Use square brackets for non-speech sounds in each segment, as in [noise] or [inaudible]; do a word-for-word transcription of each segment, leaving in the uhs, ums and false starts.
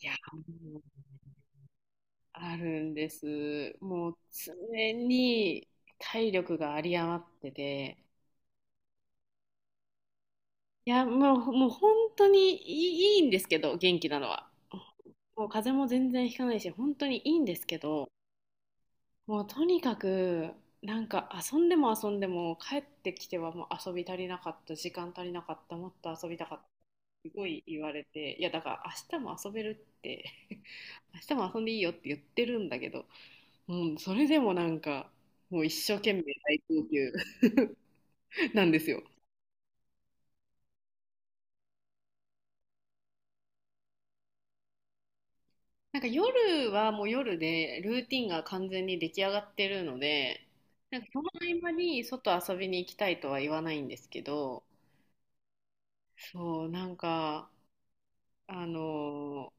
いや、もうあるんです。もう常に体力が有り余ってて、いや、もう、もう本当にいい、いいんですけど、元気なのは。もう風邪も全然ひかないし、本当にいいんですけど、もうとにかく、なんか遊んでも遊んでも帰ってきてはもう遊び足りなかった、時間足りなかった、もっと遊びたかった。すごい言われて、いやだから明日も遊べるって。 [laughs] 明日も遊んでいいよって言ってるんだけど、うん、それでもなんか、もう一生懸命大号泣 [laughs] なんですよ。なんか夜はもう夜で、ルーティンが完全に出来上がってるので、なんかその合間に外遊びに行きたいとは言わないんですけど、そう、なんか、あのー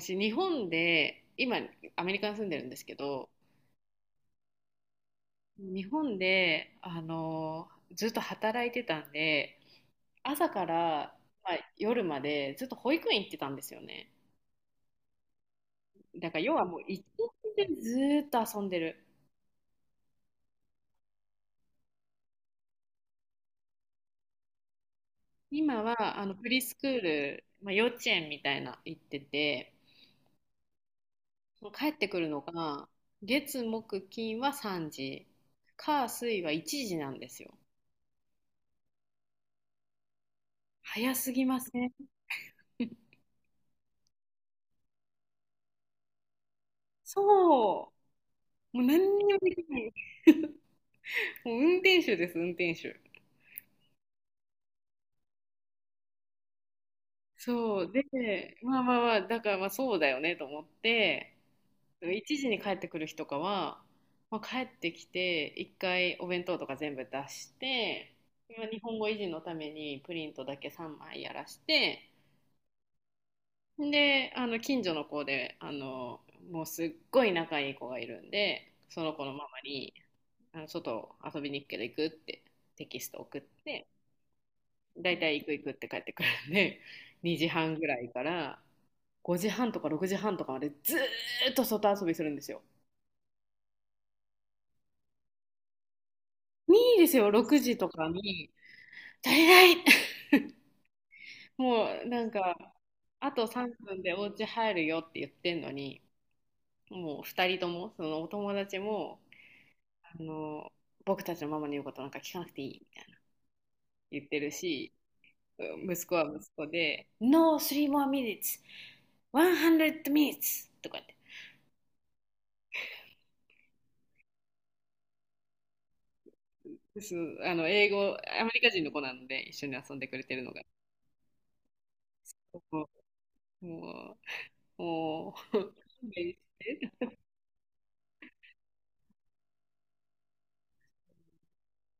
私、日本で、今、アメリカに住んでるんですけど、日本で、あのーずっと働いてたんで、朝から、まあ、夜までずっと保育園行ってたんですよね。だから要はもう一日中ずーっと遊んでる。今はあのプリスクール、まあ、幼稚園みたいな行ってて、もう帰ってくるのが月木金はさんじ、火水はいちじなんですよ。早すぎません？そう、もう何にもできない。もう運転手です、運転手。そう。で、まあまあまあ、だからまあそうだよねと思って、いちじに帰ってくる日とかは、まあ、帰ってきて一回お弁当とか全部出して、今日本語維持のためにプリントだけさんまいやらして、で、あの近所の子で、あのもうすっごい仲いい子がいるんで、その子のママに「あの外遊びに行くけど行く？」ってテキスト送って、大体行く行くって帰ってくるんで、にじはんぐらいからごじはんとかろくじはんとかまでずーっと外遊びするんですよ。いいですよ、ろくじとかに。足りない。 [laughs] もうなんか、あとさんぷんでお家入るよって言ってんのに、もうふたりとも、そのお友達も、あの、僕たちのママの言うことなんか聞かなくていいみたいな言ってるし、うん、息子は息子で、No, three more minutes, ワンハンドレッド minutes とか言って。です。あの英語、アメリカ人の子なので一緒に遊んでくれてるのが。もう、もう、もう [laughs] 勘弁して。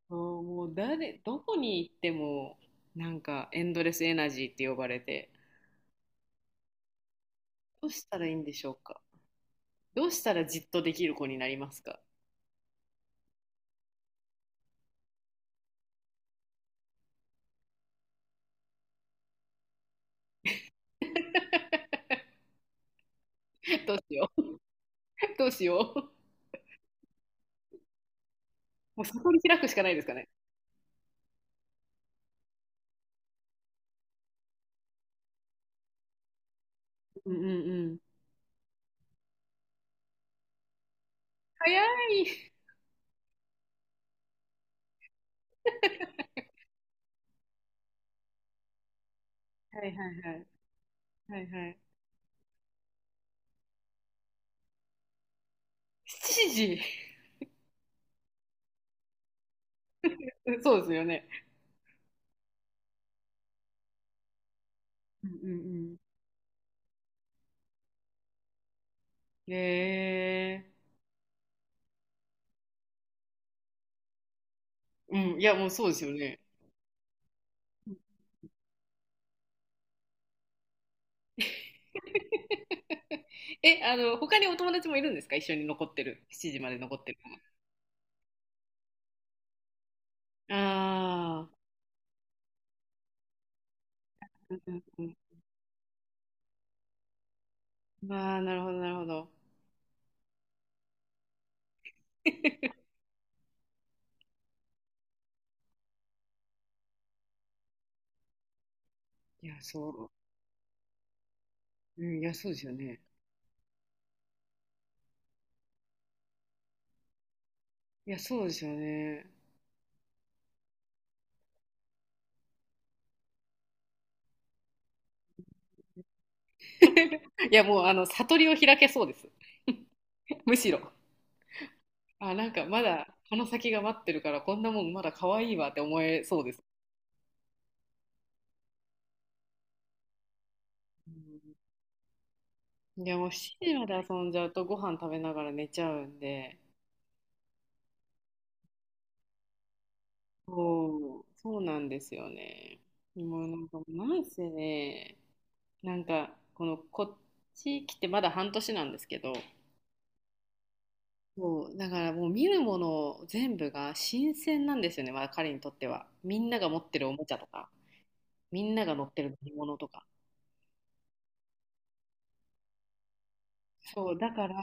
あー、もう誰、どこに行っても、なんかエンドレスエナジーって呼ばれて、どうしたらいいんでしょうか。どうしたらじっとできる子になりますか。[laughs] どうしよう。[laughs] どうしよう。もう悟り開くしかないですかね。うんうんうん。早い。はいはいはい。はいはい。しちじ。[laughs] そうですよね。うんうんうん。へえ。うん、いやもうそうですよね。[laughs] え、あの、他にお友達もいるんですか、一緒に残ってる？しちじまで残ってる？ああ。ああ、なるほど、なるほど。[laughs] いや、そう。うん、いや、そうですよね。いや、そうですよね。[laughs] いや、もう、あの、悟りを開けそうです。[laughs] むしろ。あ、なんか、まだ、この先が待ってるから、こんなもんまだ可愛いわって思えそうです。うん。いや、もう、しちじまで遊んじゃうと、ご飯食べながら寝ちゃうんで、そう、そうなんですよね。もう、なんか、なんせね、なんか、この、こっち来てまだ半年なんですけど、そう、だからもう見るもの全部が新鮮なんですよね、まあ、彼にとっては。みんなが持ってるおもちゃとか、みんなが乗ってる乗り物とか。そう、だから、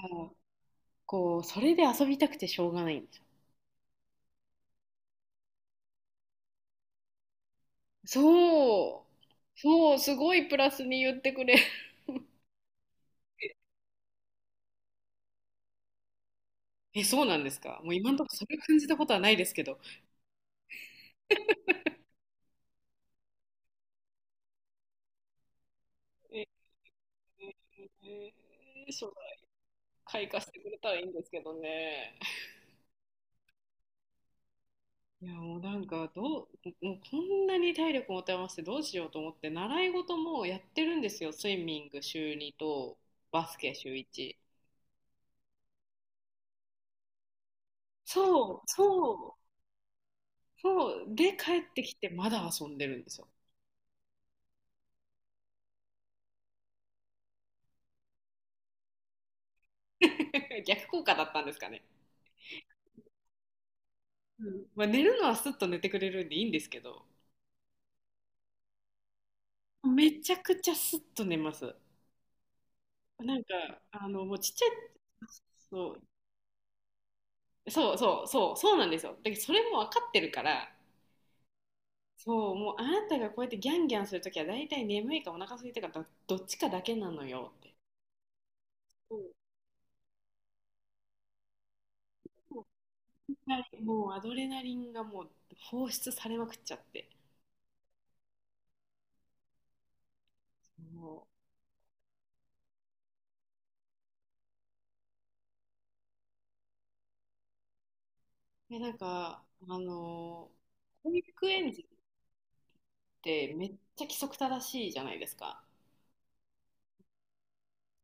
こう、それで遊びたくてしょうがないんですよ。そう、そう、すごいプラスに言ってくれ。[laughs] え、そうなんですか？もう今のところそれ感じたことはないですけど。えー、えー将来開花してくれたらいいんですけどね。いや、もうなんかどう、もうこんなに体力持て余してどうしようと思って習い事もやってるんですよ。スイミング週にとバスケ週いち。そうそうそう、で帰ってきてまだ遊んでるんですよ。[laughs] 逆効果だったんですかね。うん、まあ、寝るのはすっと寝てくれるんでいいんですけど、めちゃくちゃすっと寝ます。なんか、あの、もうちっちゃい、そうそうそうそうそう、なんですよ。だけどそれも分かってるから。そう、もうあなたがこうやってギャンギャンするときは大体眠いかお腹空いたか、ど、どっちかだけなのよって。そう、もうはい、もうアドレナリンがもう放出されまくっちゃって。そう。で、なんか、あのー保育園児ってめっちゃ規則正しいじゃないですか。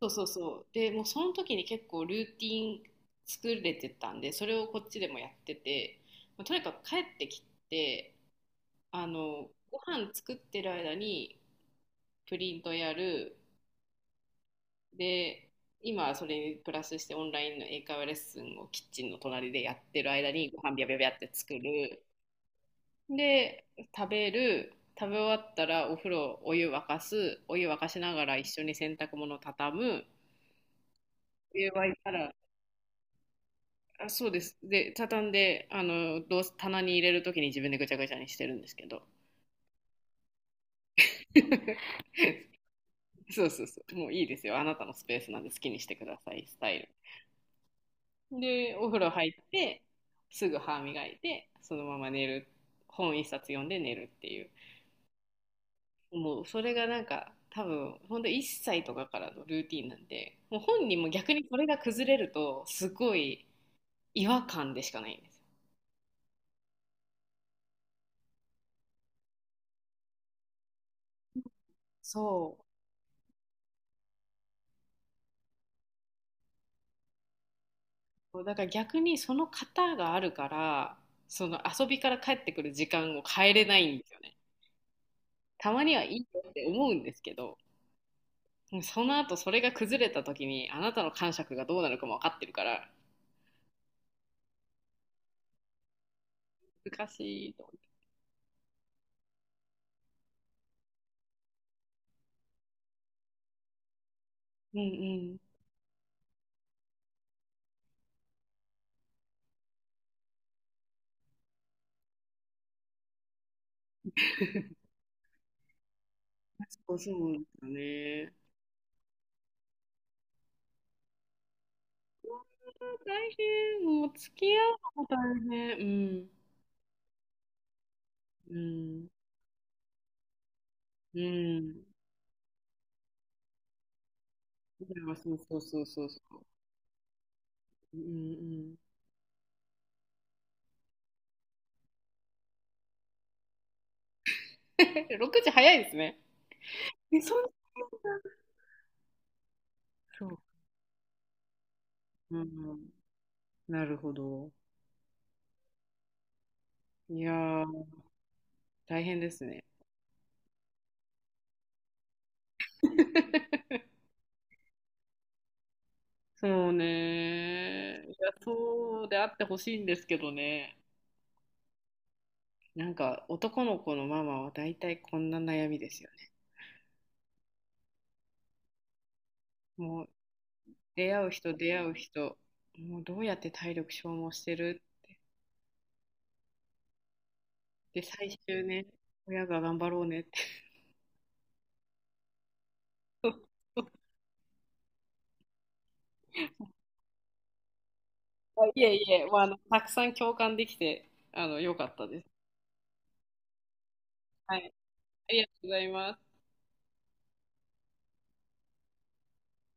そうそうそう。で、もうその時に結構ルーティン作れてたんで、それをこっちでもやってて、まあとにかく帰ってきて、あの、ご飯作ってる間にプリントやる、で、今はそれにプラスしてオンラインの英会話レッスンをキッチンの隣でやってる間にご飯ビャビャビャって作る。で、食べる。食べ終わったらお風呂、お湯沸かす。お湯沸かしながら一緒に洗濯物畳む。お湯沸いたら、あ、そうです。で、畳んで、あの、どうせ棚に入れるときに自分でぐちゃぐちゃにしてるんですけど。[laughs] そうそうそう。もういいですよ。あなたのスペースなんで好きにしてください、スタイル。で、お風呂入って、すぐ歯磨いて、そのまま寝る。本一冊読んで寝るっていう。もうそれがなんか、多分、ほんといっさいとかからのルーティンなんで、もう本人も逆にそれが崩れると、すごい違和感でしかないんですよ。そう。だから逆にその型があるから、その遊びから帰ってくる時間を変えれないんですよね。たまにはいいよって思うんですけど、その後それが崩れた時にあなたの感触がどうなるかも分かってるから難しいと思って。うんうん。[laughs] そうそうなんですよね。大変、もう付き合うのも大変。うん。うん。うん。いや、そうそうそうそうそう。うんうん。[laughs] ろくじ早いですね。え、そんな。そう。うん。なるほど。いやー、大変ですね。そうね。いや、そうであってほしいんですけどね。なんか、男の子のママは大体こんな悩みですよね。もう、出会う人、出会う人、もうどうやって体力消耗してるって、最終ね、親が頑張ろうねって。[laughs] いえいえ、まあ、あの、たくさん共感できて、あの、良かったです。はい。ありがとうございます。